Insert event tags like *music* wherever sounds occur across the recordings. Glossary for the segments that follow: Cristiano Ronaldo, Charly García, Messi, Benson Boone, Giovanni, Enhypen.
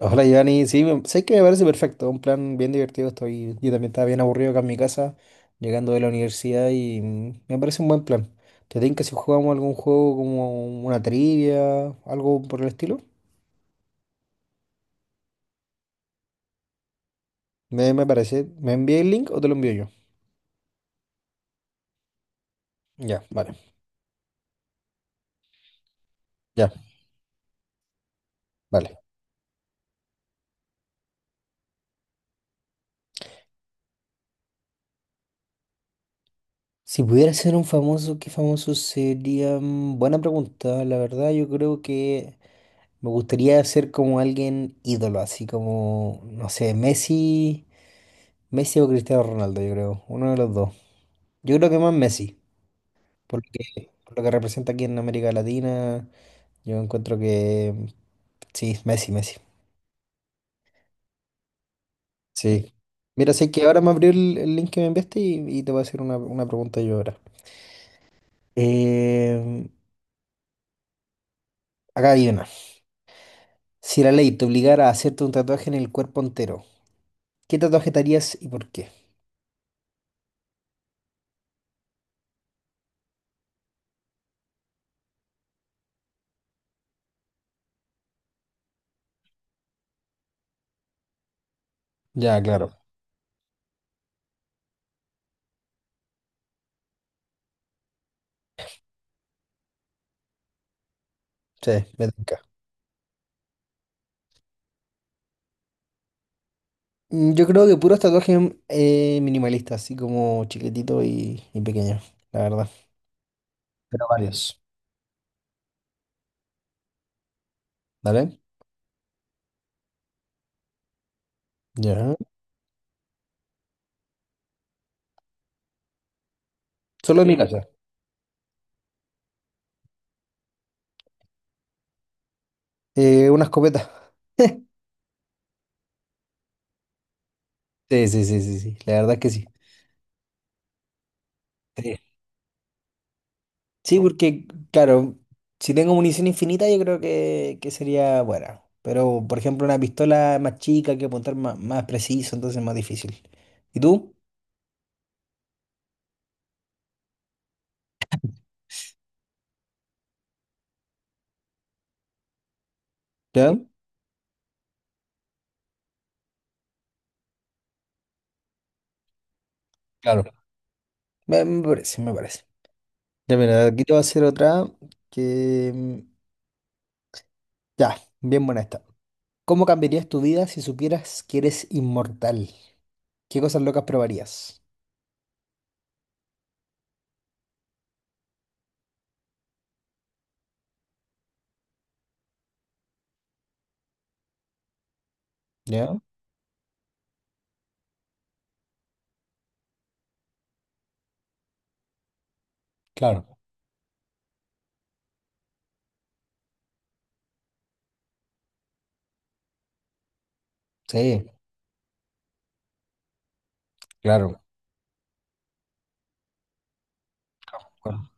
Hola, Giovanni. Sí, sé que me parece perfecto. Un plan bien divertido. Yo también estaba bien aburrido acá en mi casa, llegando de la universidad y me parece un buen plan. ¿Te tinca si jugamos algún juego como una trivia, algo por el estilo? Me parece. ¿Me envía el link o te lo envío yo? Ya, vale. Ya, vale. Si pudiera ser un famoso, ¿qué famoso sería? Buena pregunta. La verdad, yo creo que me gustaría ser como alguien ídolo, así como, no sé, Messi. Messi o Cristiano Ronaldo, yo creo. Uno de los dos. Yo creo que más Messi, por lo que representa aquí en América Latina. Yo encuentro que sí, Messi. Sí. Mira, sé que ahora me abrió el link que me enviaste y te voy a hacer una pregunta yo ahora. Em, Acá hay una. Si la ley te obligara a hacerte un tatuaje en el cuerpo entero, ¿qué tatuaje te harías y por qué? Ya, claro. Sí, me tinca. Yo creo que puros tatuajes minimalistas, así como chiquititos y pequeños, la verdad. Pero varios, ¿vale? Ya. Solo en mi casa. Una escopeta. *laughs* Sí, sí, sí, sí, sí, la verdad es que sí. Sí, sí, porque, claro, si tengo munición infinita, yo creo que sería buena. Pero, por ejemplo, una pistola más chica, hay que apuntar más, más preciso, entonces es más difícil. ¿Y tú? ¿Ya? Claro. Me parece, me parece. Ya, mira, aquí te voy a hacer otra que... Ya, bien buena esta. ¿Cómo cambiarías tu vida si supieras que eres inmortal? ¿Qué cosas locas probarías? ¿Ya? Claro. Sí, claro. Bueno,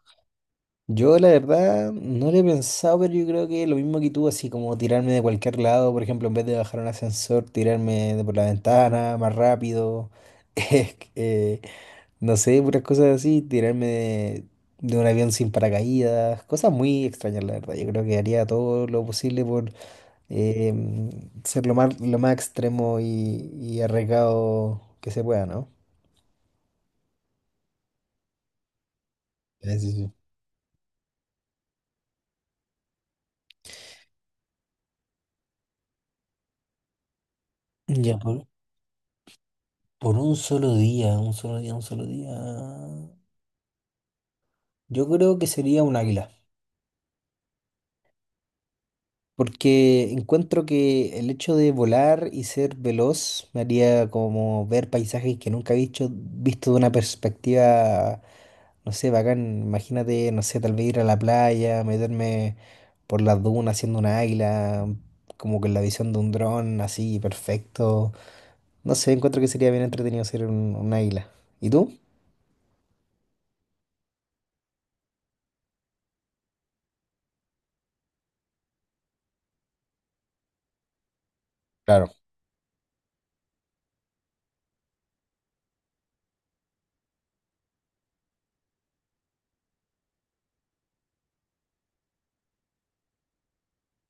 yo la verdad no lo he pensado, pero yo creo que lo mismo que tú, así como tirarme de cualquier lado, por ejemplo, en vez de bajar un ascensor, tirarme de por la ventana más rápido, *laughs* eh, eh, no sé, puras cosas así, de un avión sin paracaídas, cosas muy extrañas, la verdad. Yo creo que haría todo lo posible por eh, ser lo más extremo y arriesgado que se pueda, ¿no? Sí, sí, sí. Ya, por un solo día, un solo día. Yo creo que sería un águila. Porque encuentro que el hecho de volar y ser veloz me haría como ver paisajes que nunca he visto de una perspectiva, no sé, bacán. Imagínate, no sé, tal vez ir a la playa, meterme por las dunas haciendo una águila, como con la visión de un dron, así, perfecto. No sé, encuentro que sería bien entretenido ser un águila. ¿Y tú? Claro.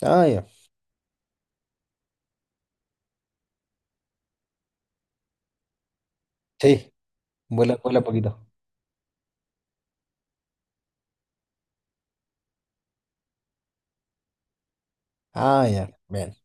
Ah, ya. Sí, vuela, vuela poquito. Ah, ya. Bien.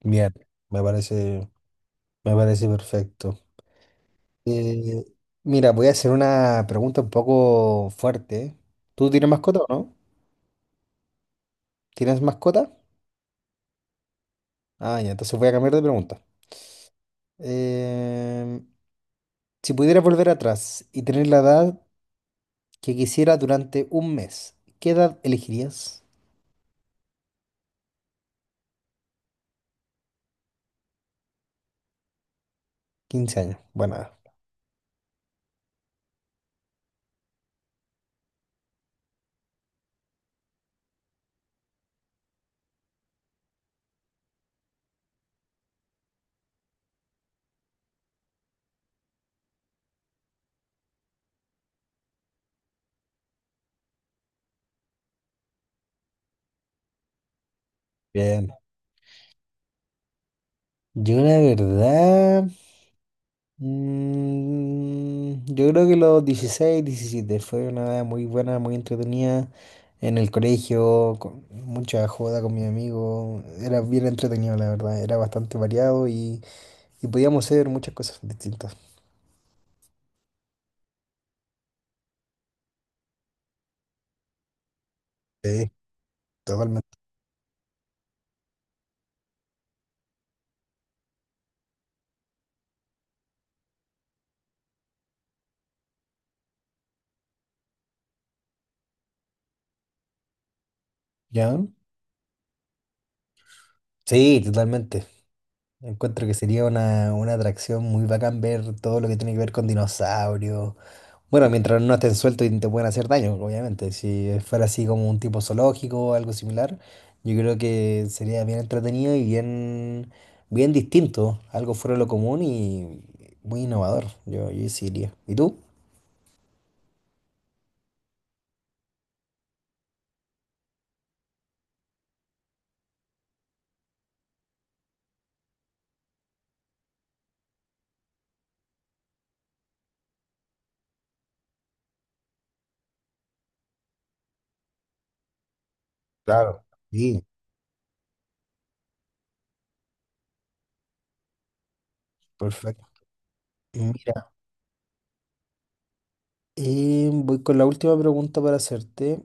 Bien, me parece, me parece perfecto. Eh, mira, voy a hacer una pregunta un poco fuerte. ¿Tú tienes mascota o no? ¿Tienes mascota? Ah, ya, entonces voy a cambiar de pregunta. Em, si pudieras volver atrás y tener la edad que quisieras durante un mes, ¿qué edad elegirías? 15 años. Bueno, bien. Yo la verdad... yo creo que los 16 17 fue una edad muy buena, muy entretenida. En el colegio, con mucha joda con mis amigos. Era bien entretenido, la verdad. Era bastante variado y podíamos hacer muchas cosas distintas. Sí, totalmente. ¿Ya? Sí, totalmente. Encuentro que sería una atracción muy bacán ver todo lo que tiene que ver con dinosaurios. Bueno, mientras no estén sueltos y no te pueden hacer daño, obviamente. Si fuera así como un tipo zoológico o algo similar, yo creo que sería bien entretenido y bien distinto. Algo fuera de lo común y muy innovador. Yo sí iría. ¿Y tú? Claro. Sí, perfecto. Mira, voy con la última pregunta para hacerte,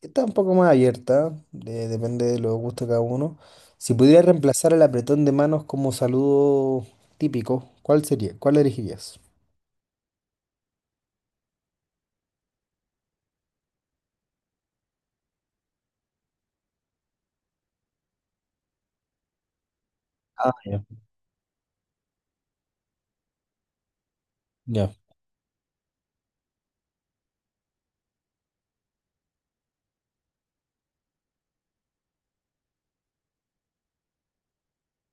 que está un poco más abierta, depende de los gustos de cada uno. Si pudieras reemplazar el apretón de manos como saludo típico, ¿cuál sería? ¿Cuál elegirías? Ah, ya, ya.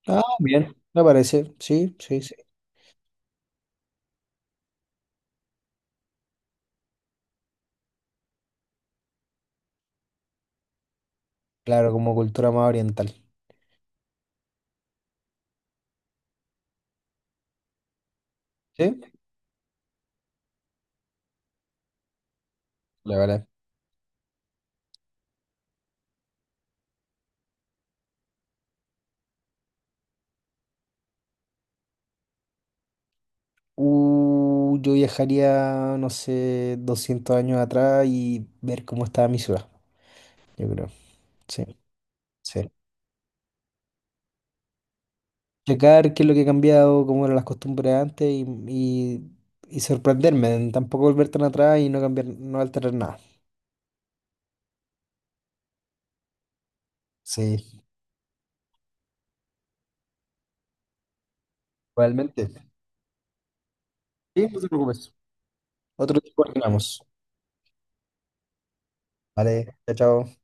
Ah, bien, me parece. Sí, sí, sí. Claro, como cultura más oriental. Sí, vale, vale. Yo viajaría, no sé, 200 años atrás y ver cómo estaba mi ciudad, yo creo. Sí, sí. Checar qué es lo que ha cambiado, cómo eran las costumbres antes y, y sorprenderme. Tampoco volver tan atrás y no cambiar, no alterar nada. Sí, realmente. Sí, no te preocupes. Otro día coordinamos. Vale, chao, chao.